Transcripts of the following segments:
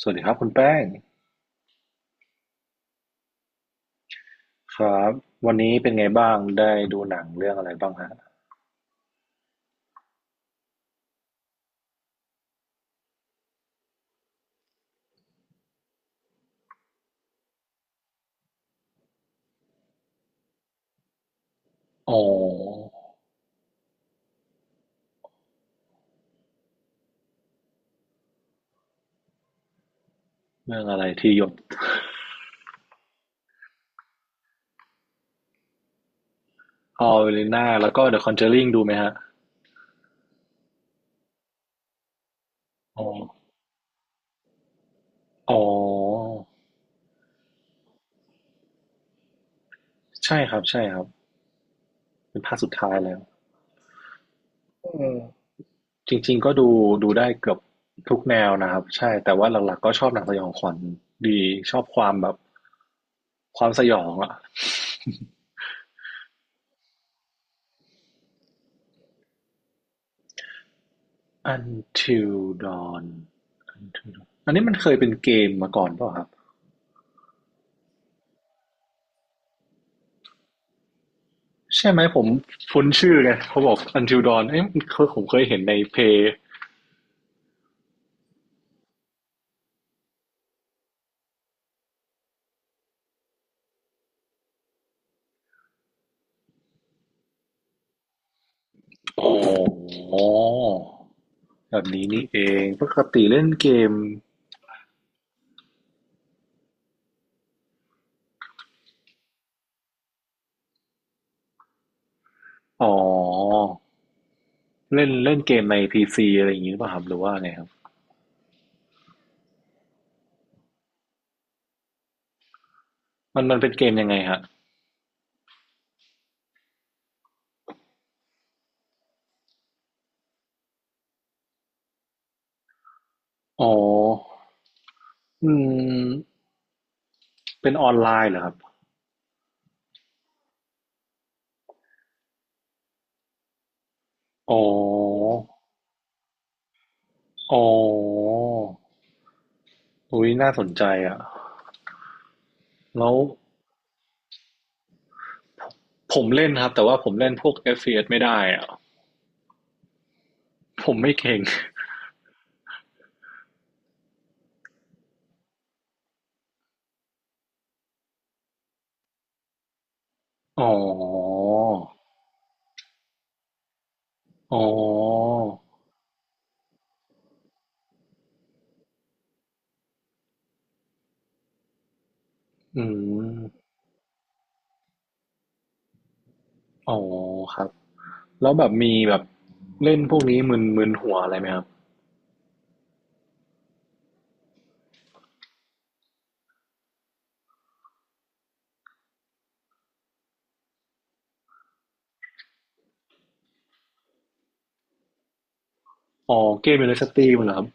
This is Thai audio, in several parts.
สวัสดีครับคุณแป้งครับวันนี้เป็นไงบ้างได้ดูหนังเรื่องอะไรบ้างฮะอ๋อเรื่องอะไรที่หยดออเวลิน่าแล้วก็ The Conjuring ดูไหมฮะอ๋ออ๋อใช่ครับใช่ครับเป็นภาคสุดท้ายแล้วเอืจริงๆก็ดูดูได้เกือบทุกแนวนะครับใช่แต่ว่าหลักๆก็ชอบหนังสยองขวัญดีชอบความแบบความสยองอะ Until Dawn Until Dawn อันนี้มันเคยเป็นเกมมาก่อนเปล่าครับ ใช่ไหมผมคุ้นชื่อไงเขาบอก Until Dawn เอ้ยมันเคยผมเคยเห็นในเพย์อ๋อแบบนี้นี่เองปกติเล่นเกมอ๋อเล่นเล่นเกมในพีซีอะไรอย่างนี้หรือเปล่ะครับหรือว่าไงครับมันมันเป็นเกมยังไงฮะอ๋ออืมเป็นออนไลน์เหรอครับอ๋ออ๋ออุ้ยน่าสนใจอ่ะแล้วผมเล่นครับแต่ว่าผมเล่นพวก FPS ไม่ได้อ่ะผมไม่เก่งอ๋อ อ๋ออืมอ๋อครับแล้วแบบมีแบบเล่นพวกนี้มึนมึนหัวอะไรไหมครับอ๋อเกมอยู่ในสตรีมเหรอครับ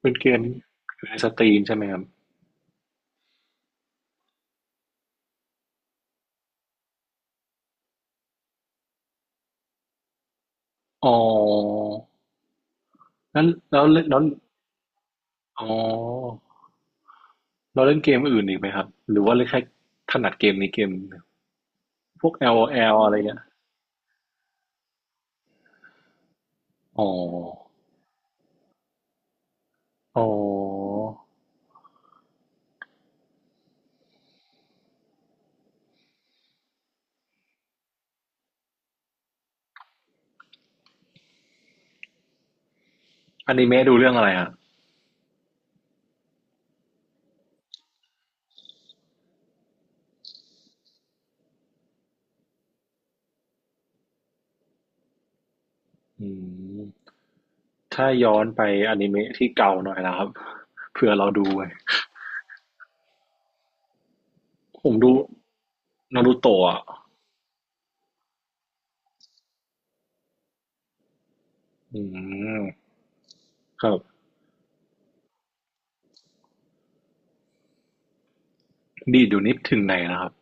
เป็นเกมอยู่ในสตรีมใช่ไหมครับอ๋อนั้นแล้วเล่นแล้วอ๋อเราเล่นเกมอื่นอีกไหมครับหรือว่าเล่นแค่ถนัดเกมนี้เกมเดียวพวก LOL อลโอแอลอะไรเงี้ยอ๋ออ๋ออนิเมะดูเรื่องอะไรอ่ะอืมถ้าย้อนไปอนิเมะที่เก่าหน่อยนะครับเผื่อเราดูไว้ผมดู นารูโตะอ่ะอืมครับดีดอยู่นิดถึงไหนนะครับ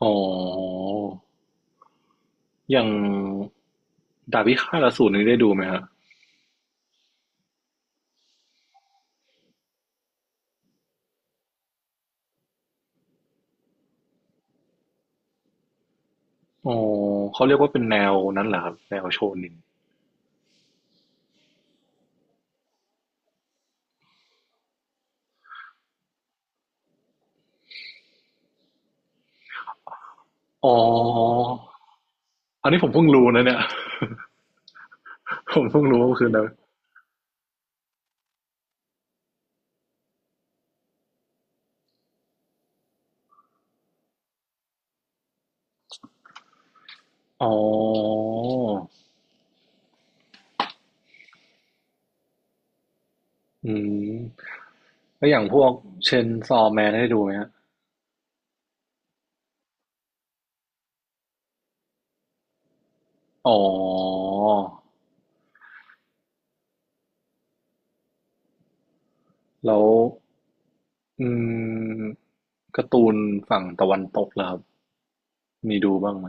อ๋ออย่างดาบพิฆาตอสูรนี่ได้ดูไหมฮะอ๋อ เขาเรียกว่าเป็นแนวนั้นเหรอครับแนวโชนินอ๋อ อันนี้ผมเพิ่งรู้นะเนี่ย ผมเพิ่งรู้ว่าคือแนวอ๋อ อืม แล้วอย่างพวกเชนซอแมนได้ดูไหมฮะอ๋อ แล้ว อืมการ์ตูนฝั่งตะวันตกล่ะครับมีดูบ้างไหม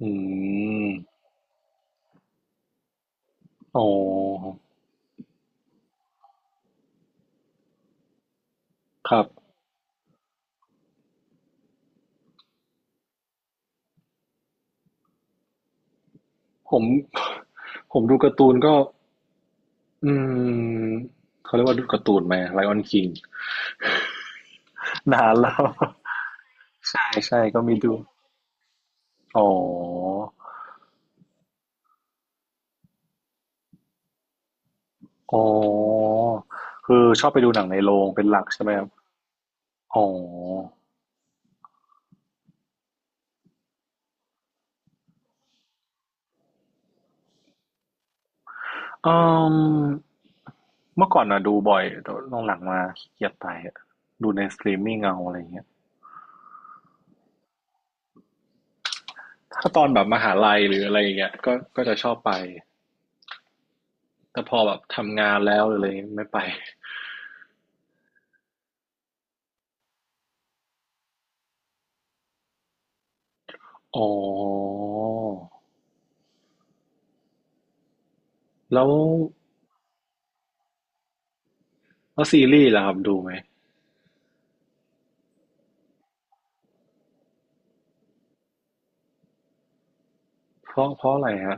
อืม อ๋อครับ ผม ผมดูการ์ตูนก็ อืม เขาเรียกว่าดูการ์ตูนไหม Lion King นคิง นานแล้ว ใช่ใช่ก็มีดู อ๋อ อ๋อ คือชอบไปดูหนังในโรงเป็นหลักใช่ไหมครับอ๋ออืมเมื่อก่อนน่ะดูบ่อยแต่หลังๆมาขี้เกียจไปอะดูในสตรีมมิ่งเอาอะไรเงี้ยถ้าตอนแบบมหาลัยหรืออะไรอย่างเงี้ยก็ก็จะชอบไป แต่พอแบบทำงานแล้วหรืออะไรไม่ไป อ๋อแล้วซีรีส์ล่ะครับดูไหมเพราะเพราะอะไรฮะ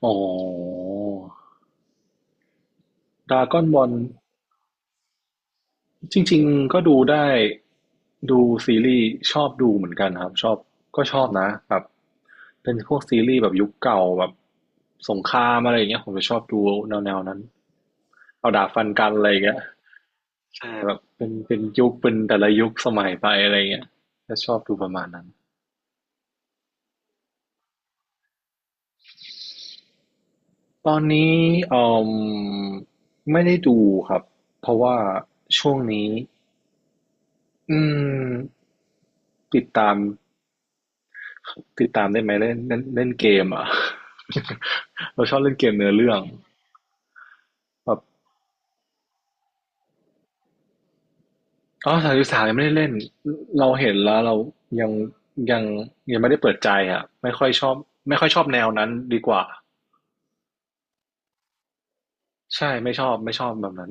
อ๋อดร a ก o n b a จริงๆก็ดูได้ดูซีรีส์ชอบดูเหมือนกันครับชอบก็ชอบนะแบบเป็นพวกซีรีส์แบบยุคเก่าแบบสงครามอะไรอย่างเงี้ยผมจะชอบดูแนวๆนั้นเอาดาบฟันกันอะไรอย่างเงี้ยอ่าแบบเป็นเป็นยุคเป็นแต่ละยุคสมัยไปอะไรอย่างเงี้ยจะชอบดูประมาณนั้น ตอนนี้เอ่อไม่ได้ดูครับเพราะว่าช่วงนี้อืมติดตามติดตามได้ไหมเล่นเล่นเล่นเกมอ่ะ เราชอบเล่นเกมเนื้อเรื่องแบบอ๋อ33ยังไม่ได้เล่นเราเห็นแล้วเรายังยังยังไม่ได้เปิดใจอ่ะไม่ค่อยชอบไม่ค่อยชอบแนวนั้นดีกว่าใช่ไม่ชอบไม่ชอบแบบนั้น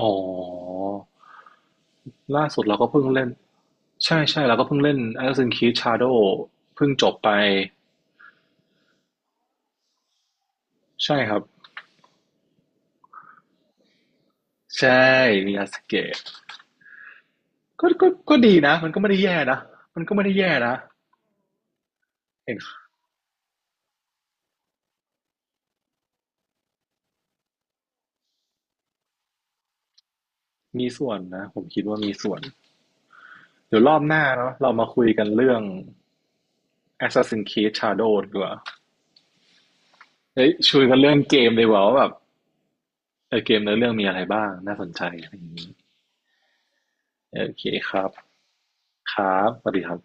อ๋อล่าสุดเราก็เพิ่งเล่นใช่ใช่เราก็เพิ่งเล่น Assassin's Creed Shadow เพิ่งจบไป ใช่ครับใช่มียาสเกะก็ก็ก็ดีนะมันก็ไม่ได้แย่นะมันก็ไม่ได้แย่นะเห็นมีส่วนนะผมคิดว่ามีส่วนเดี๋ยวรอบหน้าเนาะเรามาคุยกันเรื่อง Assassin's Creed Shadow ดีกว่าเฮ้ยชวนกันเรื่องเกมดีกว่าว่าแบบเออเกมเนื้อเรื่องมีอะไรบ้างน่าสนใจอะไรอย่างนี้โอเคครับครับสวัสดีครับ